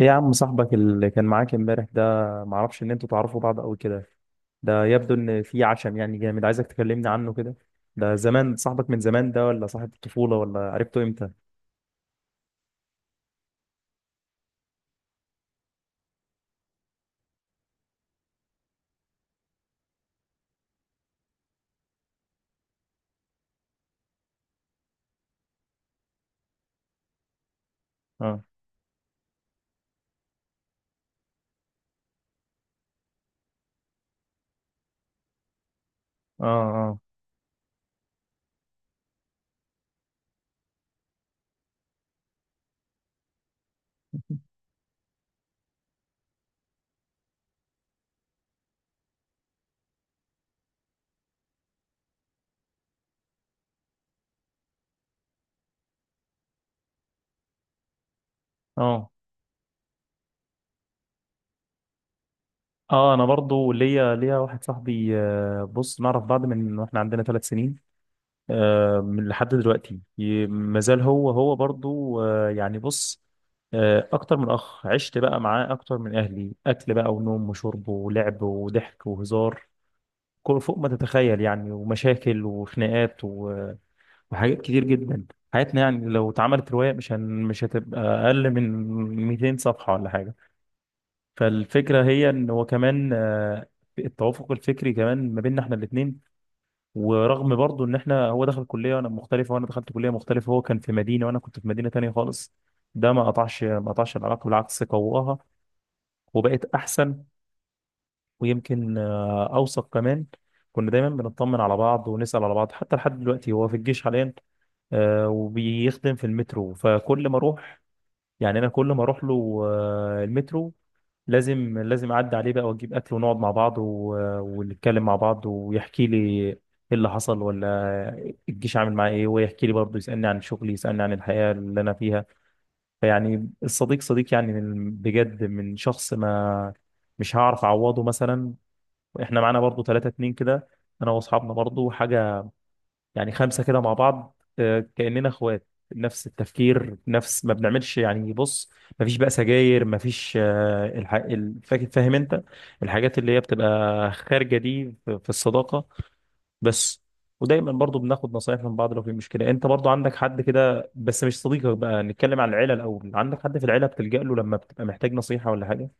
ايه يا عم صاحبك اللي كان معاك امبارح ده؟ معرفش ان انتوا تعرفوا بعض قوي كده. ده يبدو ان في عشم يعني جامد عايزك تكلمني عنه كده. ده زمان صاحبك من زمان ده، ولا صاحب الطفولة، ولا عرفته امتى؟ اه. اه. اه. اه. اه، انا برضو ليا واحد صاحبي، بص، نعرف بعض من واحنا عندنا ثلاث سنين، من لحد دلوقتي مازال هو هو برضو، بص، اكتر من اخ، عشت بقى معاه اكتر من اهلي، اكل بقى ونوم وشرب ولعب وضحك وهزار، فوق ما تتخيل يعني، ومشاكل وخناقات وحاجات كتير جدا. حياتنا يعني لو اتعملت رواية، مش هتبقى أقل من 200 صفحة ولا حاجة. فالفكرة هي إن هو كمان، التوافق الفكري كمان ما بيننا إحنا الاتنين. ورغم برضو إن إحنا، هو دخل كلية وأنا مختلفة، وأنا دخلت كلية مختلفة، هو كان في مدينة وأنا كنت في مدينة تانية خالص، ده ما قطعش العلاقة، بالعكس قواها وبقت أحسن. ويمكن اوثق كمان. كنا دايما بنطمن على بعض ونسال على بعض، حتى لحد دلوقتي هو في الجيش حاليا، وبيخدم في المترو. فكل ما اروح، يعني انا كل ما اروح له، المترو، لازم اعدي عليه بقى واجيب اكل ونقعد مع بعض ونتكلم مع بعض، ويحكي لي ايه اللي حصل ولا الجيش عامل معاه ايه، ويحكي لي برضه، يسالني عن شغلي، يسالني عن الحياه اللي انا فيها. فيعني الصديق صديق يعني، بجد من شخص، ما مش هعرف اعوضه مثلا. احنا معانا برضو 3 2 كده، انا واصحابنا برضو حاجه، يعني خمسه كده مع بعض، كاننا اخوات، نفس التفكير، نفس ما بنعملش يعني. بص، ما فيش بقى سجاير، ما فيش فاهم انت، الحاجات اللي هي بتبقى خارجه دي، في في الصداقه. بس. ودايما برضو بناخد نصايح من بعض لو في مشكله. انت برضو عندك حد كده، بس مش صديقك بقى، نتكلم على العيله الاول. عندك حد في العيله بتلجأ له لما بتبقى محتاج نصيحه ولا حاجه؟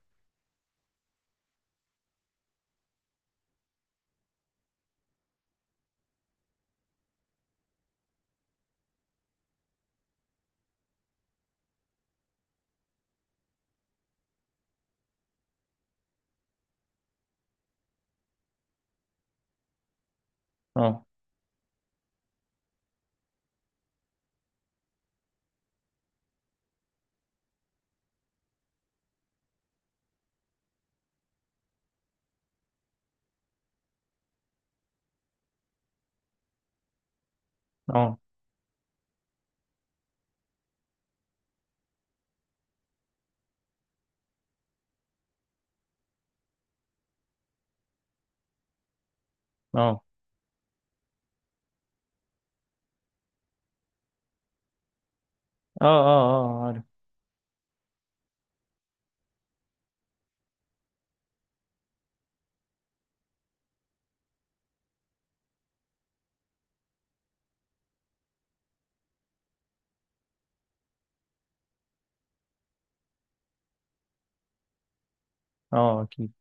اه. اه. اه. اه. اه. اه عارف. اه اكيد.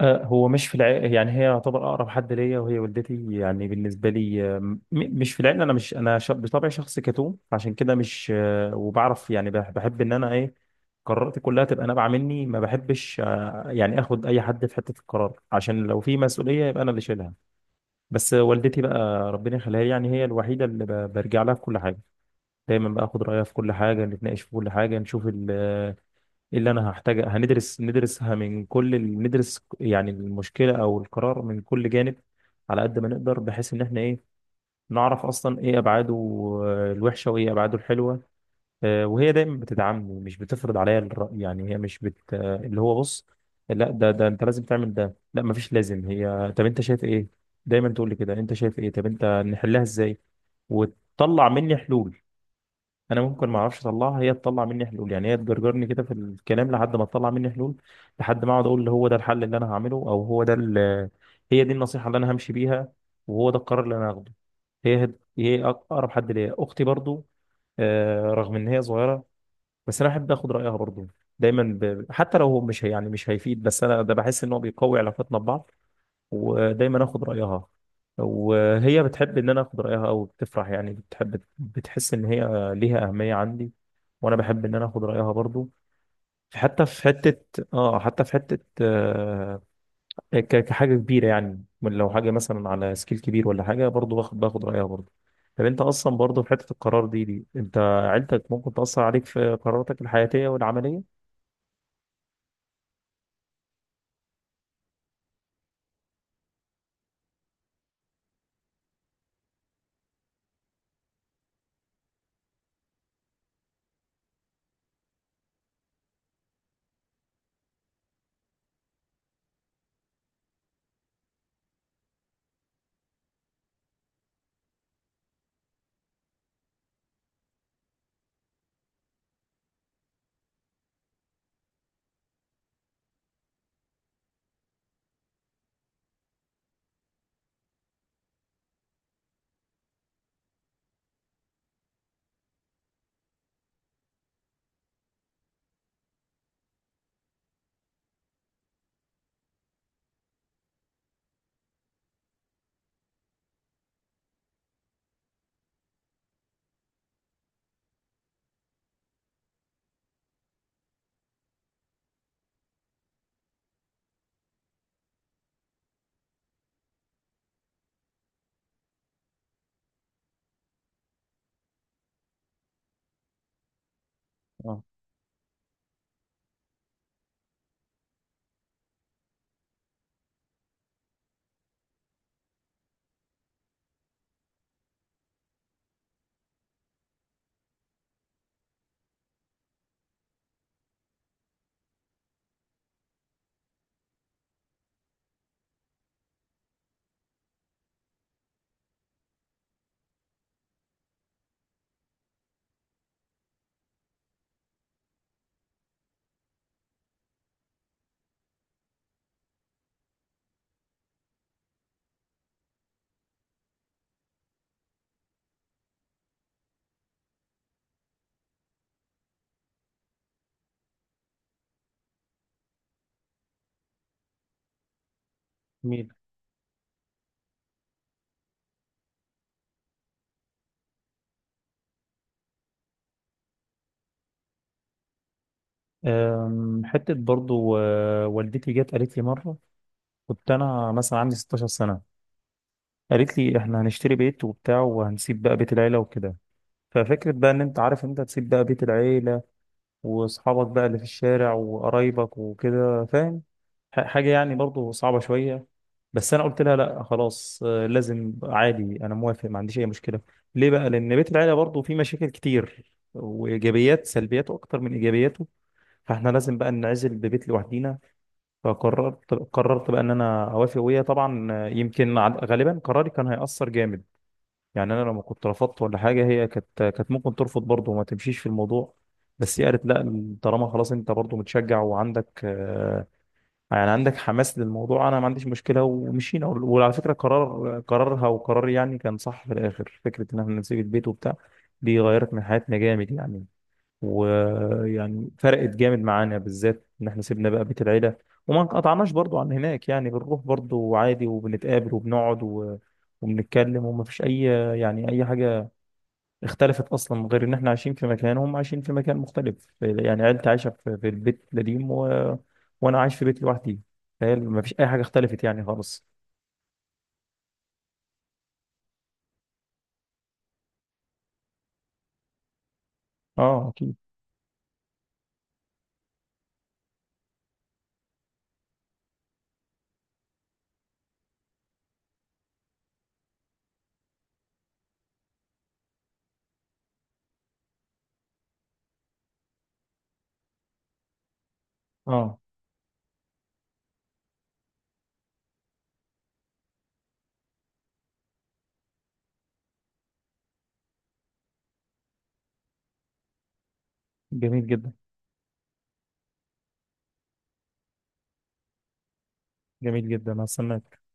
هو مش في العائلة يعني، هي يعتبر أقرب حد ليا، وهي والدتي يعني بالنسبة لي. مش في العائلة، أنا مش، بطبعي شخص كتوم، عشان كده مش، وبعرف يعني، بحب إن أنا، إيه، قراراتي كلها تبقى نابعة مني. ما بحبش، يعني آخد أي حد في حتة القرار، عشان لو في مسؤولية يبقى أنا اللي شايلها. بس والدتي بقى، ربنا يخليها لي، يعني هي الوحيدة اللي برجع لها في كل حاجة. دايما باخد رأيها في كل حاجة، نتناقش في كل حاجة، نشوف ايه اللي انا هحتاج، هندرس ندرسها من كل ندرس يعني المشكله او القرار من كل جانب، على قد ما نقدر، بحيث ان احنا، ايه، نعرف اصلا ايه ابعاده، الوحشه، وايه ابعاده الحلوه. وهي دايما بتدعمني، مش بتفرض عليا الراي. يعني هي مش بت آه، اللي هو، بص، لا، ده ده انت لازم تعمل ده، لا، مفيش لازم، هي طب انت شايف ايه، دايما تقول لي كده، انت شايف ايه، طب انت نحلها ازاي، وتطلع مني حلول. انا ممكن ما اعرفش اطلعها، هي تطلع مني حلول، يعني هي تجرجرني كده في الكلام لحد ما تطلع مني حلول، لحد ما اقعد اقول اللي هو ده الحل اللي انا هعمله، او هو ده هي دي النصيحه اللي انا همشي بيها، وهو ده القرار اللي انا هاخده. هي اقرب حد ليا، اختي برضو، رغم ان هي صغيره، بس انا احب اخد رايها برضو. حتى لو هو، مش هي يعني مش هيفيد، بس انا ده بحس ان هو بيقوي علاقتنا ببعض، ودايما اخد رايها. وهي بتحب ان انا اخد رايها او بتفرح، يعني بتحب، بتحس ان هي ليها اهميه عندي، وانا بحب ان انا اخد رايها برضو، حتى في حته. اه، حتى في حته، آه، كحاجه كبيره يعني، من لو حاجه مثلا على سكيل كبير ولا حاجه، برضو باخد رايها برضو. طب انت اصلا برضو في حته القرار دي، انت عيلتك ممكن تاثر عليك في قراراتك الحياتيه والعمليه؟ اه. جميل. أم، حتة برضو، والدتي جت قالت لي مرة، كنت انا مثلا عندي 16 سنه، قالت لي احنا هنشتري بيت وبتاع، وهنسيب بقى بيت العيله وكده. ففكره بقى ان انت عارف انت تسيب بقى بيت العيله واصحابك بقى اللي في الشارع وقرايبك وكده، فاهم، حاجه يعني برضو صعبه شويه. بس انا قلت لها لا خلاص، لازم، عادي، انا موافق، ما عنديش اي مشكله. ليه بقى؟ لان بيت العيله برضو فيه مشاكل كتير، وايجابيات، سلبياته اكتر من ايجابياته، فاحنا لازم بقى ننعزل ببيت لوحدينا. فقررت، بقى ان انا اوافق، وهي طبعا يمكن، غالبا قراري كان هيأثر جامد. يعني انا لما كنت رفضت ولا حاجه، هي كانت ممكن ترفض برضه وما تمشيش في الموضوع. بس هي قالت لا، طالما خلاص انت برضه متشجع، وعندك يعني عندك حماس للموضوع، انا ما عنديش مشكله، ومشينا. وعلى فكره، قرار، قرارها وقراري يعني، كان صح في الاخر، فكره ان احنا نسيب البيت وبتاع، دي غيرت من حياتنا جامد يعني. ويعني فرقت جامد معانا، بالذات ان احنا سيبنا بقى بيت العيله. وما انقطعناش برضو عن هناك، يعني بنروح برضو عادي، وبنتقابل، وبنقعد، وبنتكلم. وما فيش اي، يعني اي حاجه اختلفت اصلا، من غير ان احنا عايشين في مكان، هم عايشين في مكان مختلف، يعني عيلتي عايشه في في البيت القديم وانا عايش في بيت لوحدي. فهي ما فيش اي حاجه اختلفت يعني خالص. اه اكيد. اه. جميل جدا. جميل جدا، هستناك.